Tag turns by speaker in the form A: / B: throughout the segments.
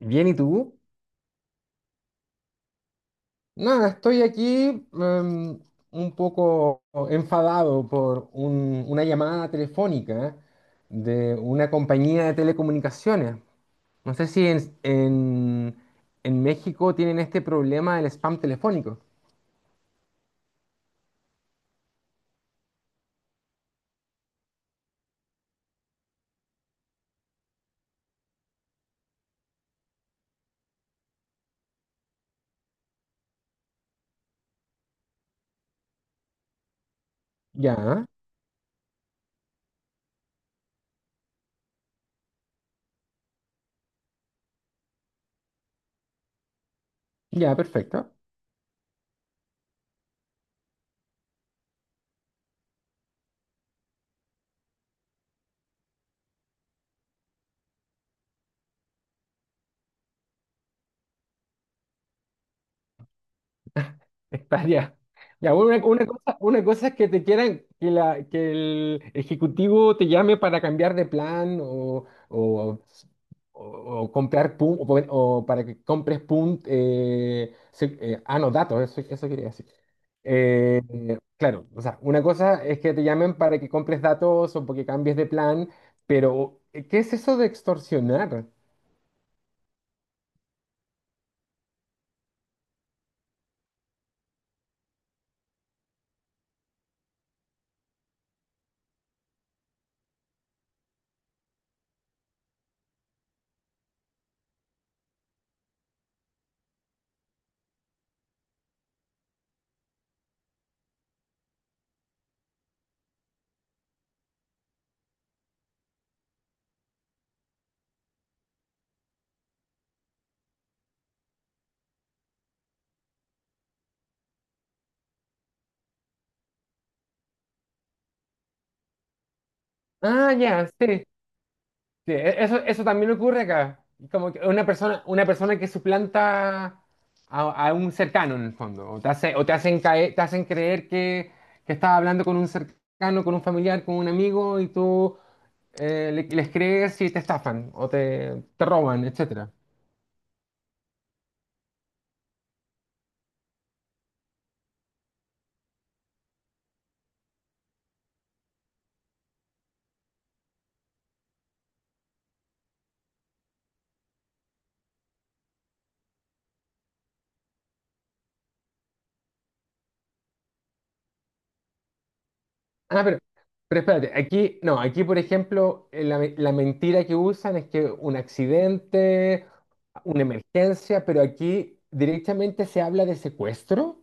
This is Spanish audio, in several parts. A: Bien, ¿y tú? Nada, estoy aquí em, un poco enfadado por una llamada telefónica de una compañía de telecomunicaciones. No sé si en, en- en México tienen este problema del spam telefónico. Ya, ya, perfecto. Hectárea. Ya, ya, bueno, una cosa es que te quieran, que, la, que el ejecutivo te llame para cambiar de plan o, o comprar o, o para que compres no, datos, eso quería decir. Claro, o sea, una cosa es que te llamen para que compres datos o porque cambies de plan, pero ¿qué es eso de extorsionar? Ah, ya, sí. Sí, eso, eso también ocurre acá. Como que una persona que suplanta a un cercano en el fondo. O o te hacen caer, te hacen creer que estás hablando con un cercano, con un familiar, con un amigo, y tú les crees y te estafan o te roban, etcétera. Ah, pero espérate, aquí, no, aquí por ejemplo, la mentira que usan es que un accidente, una emergencia, pero aquí directamente se habla de secuestro.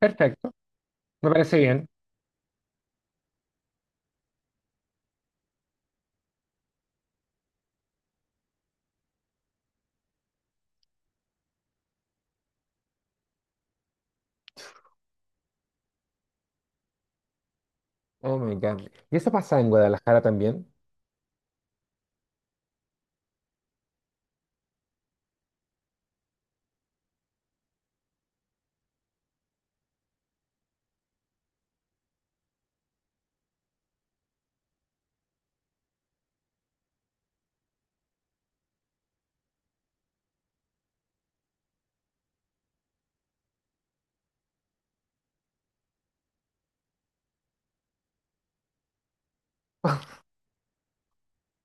A: Perfecto, me parece bien. Oh my God. ¿Y eso pasa en Guadalajara también?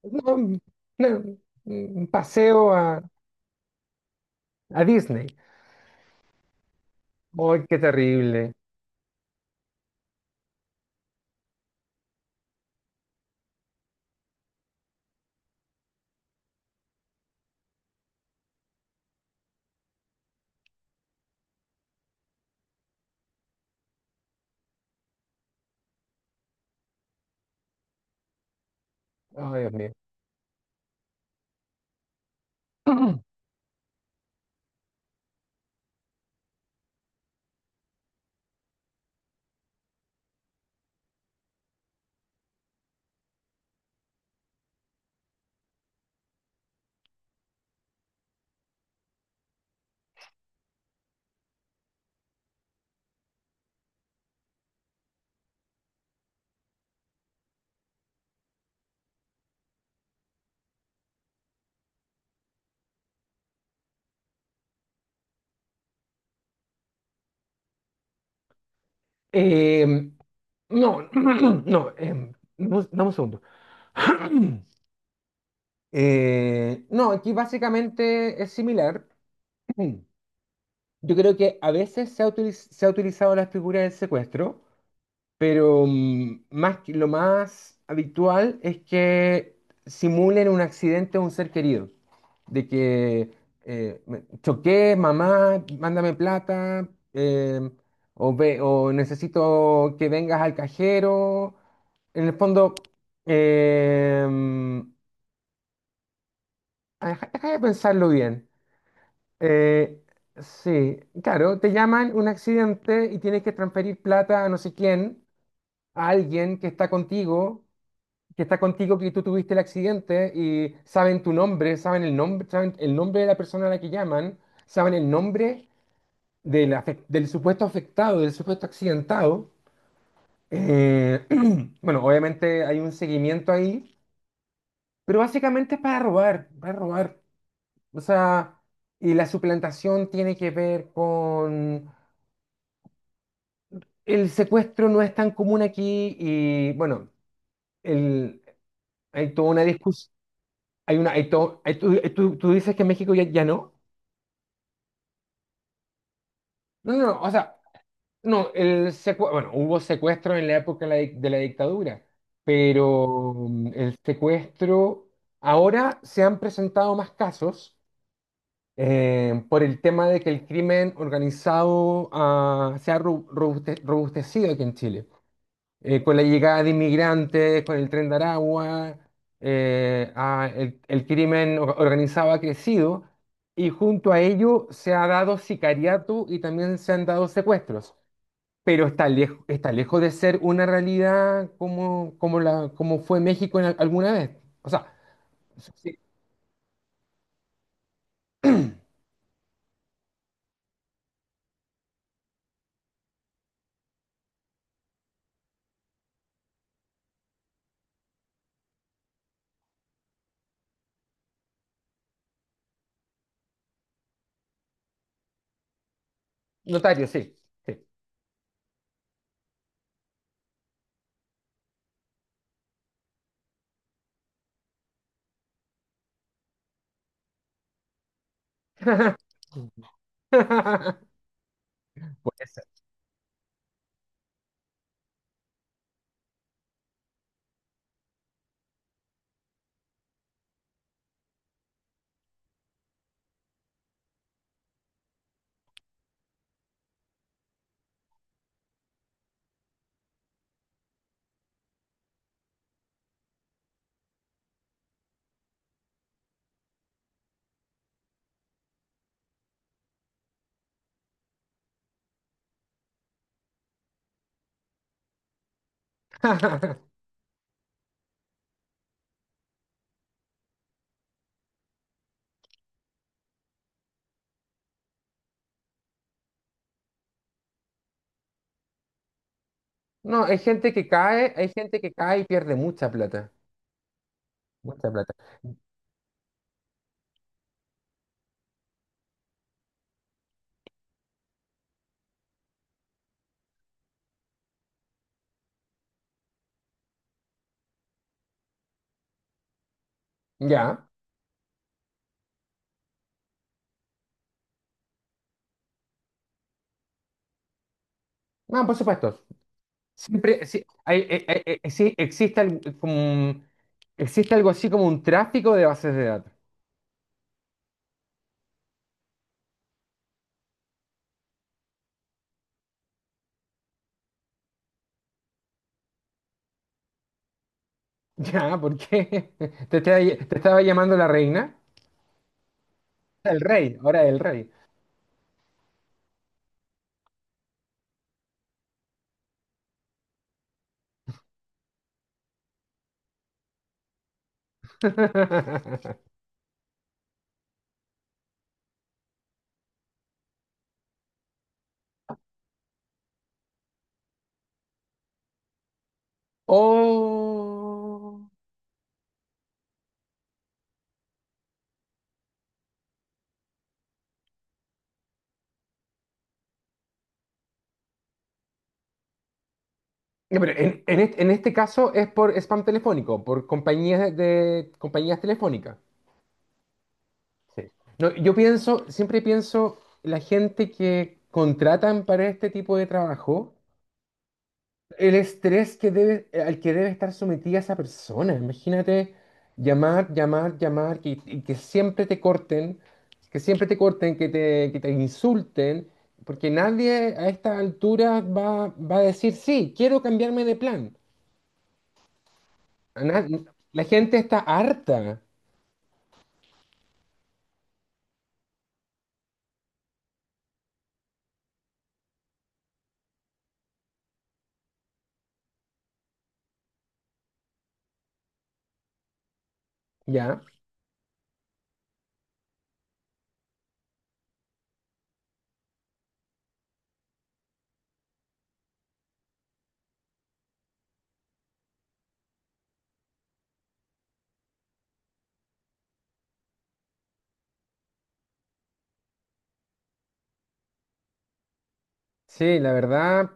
A: No, no, un paseo a Disney. ¡Ay, qué terrible! ¡Ay, Dios mío! Em, no, no, dame un segundo. No, aquí básicamente es similar. Yo creo que a veces se ha utilizado la figura del secuestro. Pero más, lo más habitual es que simulen un accidente a un ser querido. De que choqué, mamá, mándame plata, eh, o necesito que vengas al cajero. En el fondo, em, deja de pensarlo bien. Eh, sí, claro, te llaman un accidente y tienes que transferir plata a no sé quién, a alguien que está contigo, que tú tuviste el accidente y saben tu nombre, saben el nombre de la persona a la que llaman, saben el nombre del supuesto afectado, del supuesto accidentado. Eh, bueno, obviamente hay un seguimiento ahí, pero básicamente es para robar, para robar. O sea, y la suplantación tiene que ver con… El secuestro no es tan común aquí y bueno, el, hay toda una discusión. Hay una, hay to- hay- tú dices que en México ya no. No, no, no, o sea, no, bueno, hubo secuestro en la época de de la dictadura, pero el secuestro, ahora se han presentado más casos por el tema de que el crimen organizado se ha robustecido aquí en Chile. Con la llegada de inmigrantes, con el tren de Aragua, el organizado ha crecido y junto a ello se ha dado sicariato y también se han dado secuestros, pero está lejos de ser una realidad como, como, como fue México en alguna vez. O sea, sí, notario, sí. Sí. Puede ser. No, hay gente que cae, hay gente que cae y pierde mucha plata. Mucha plata. Ya. No, por supuesto. Siempre, sí, sí, existe, como, existe algo así como un tráfico de bases de datos. Ya, ¿por qué? Te estaba llamando la reina? El rey, ahora el rey. Oh. No, pero en este caso es por spam telefónico, por compañías de, compañías telefónicas. Sí. No, yo pienso, siempre pienso, la gente que contratan para este tipo de trabajo. El estrés que debe, al que debe estar sometida esa persona. Imagínate llamar, llamar, llamar, que, y que siempre te corten, que siempre te corten, que te insulten, porque nadie a esta altura va, va a decir, sí, quiero cambiarme de plan. A na- la gente está harta, ¿ya? Sí, la verdad,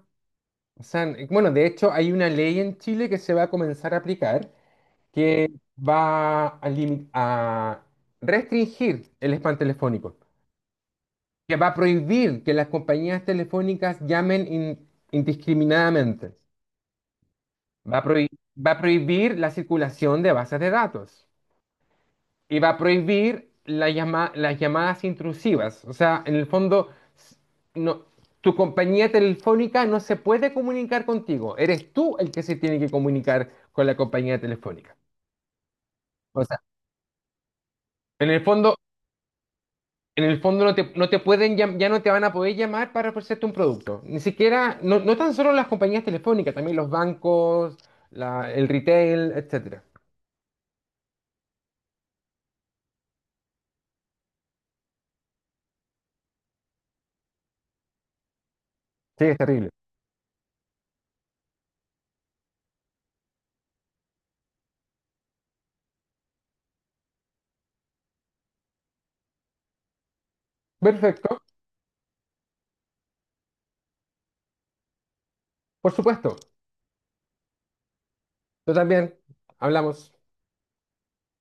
A: o sea, bueno, de hecho hay una ley en Chile que se va a comenzar a aplicar que a restringir el spam telefónico, que va a prohibir que las compañías telefónicas llamen indiscriminadamente, va a, prohi- va a prohibir la circulación de bases de datos y va a prohibir las llamadas intrusivas. O sea, en el fondo, s- no, tu compañía telefónica no se puede comunicar contigo, eres tú el que se tiene que comunicar con la compañía telefónica. O sea, en el fondo… En el fondo no te, no te pueden, ya no te van a poder llamar para ofrecerte un producto. Ni siquiera, no, no tan solo las compañías telefónicas, también los bancos, el retail, etcétera. Sí, es terrible. Perfecto, por supuesto. Tú también. Hablamos.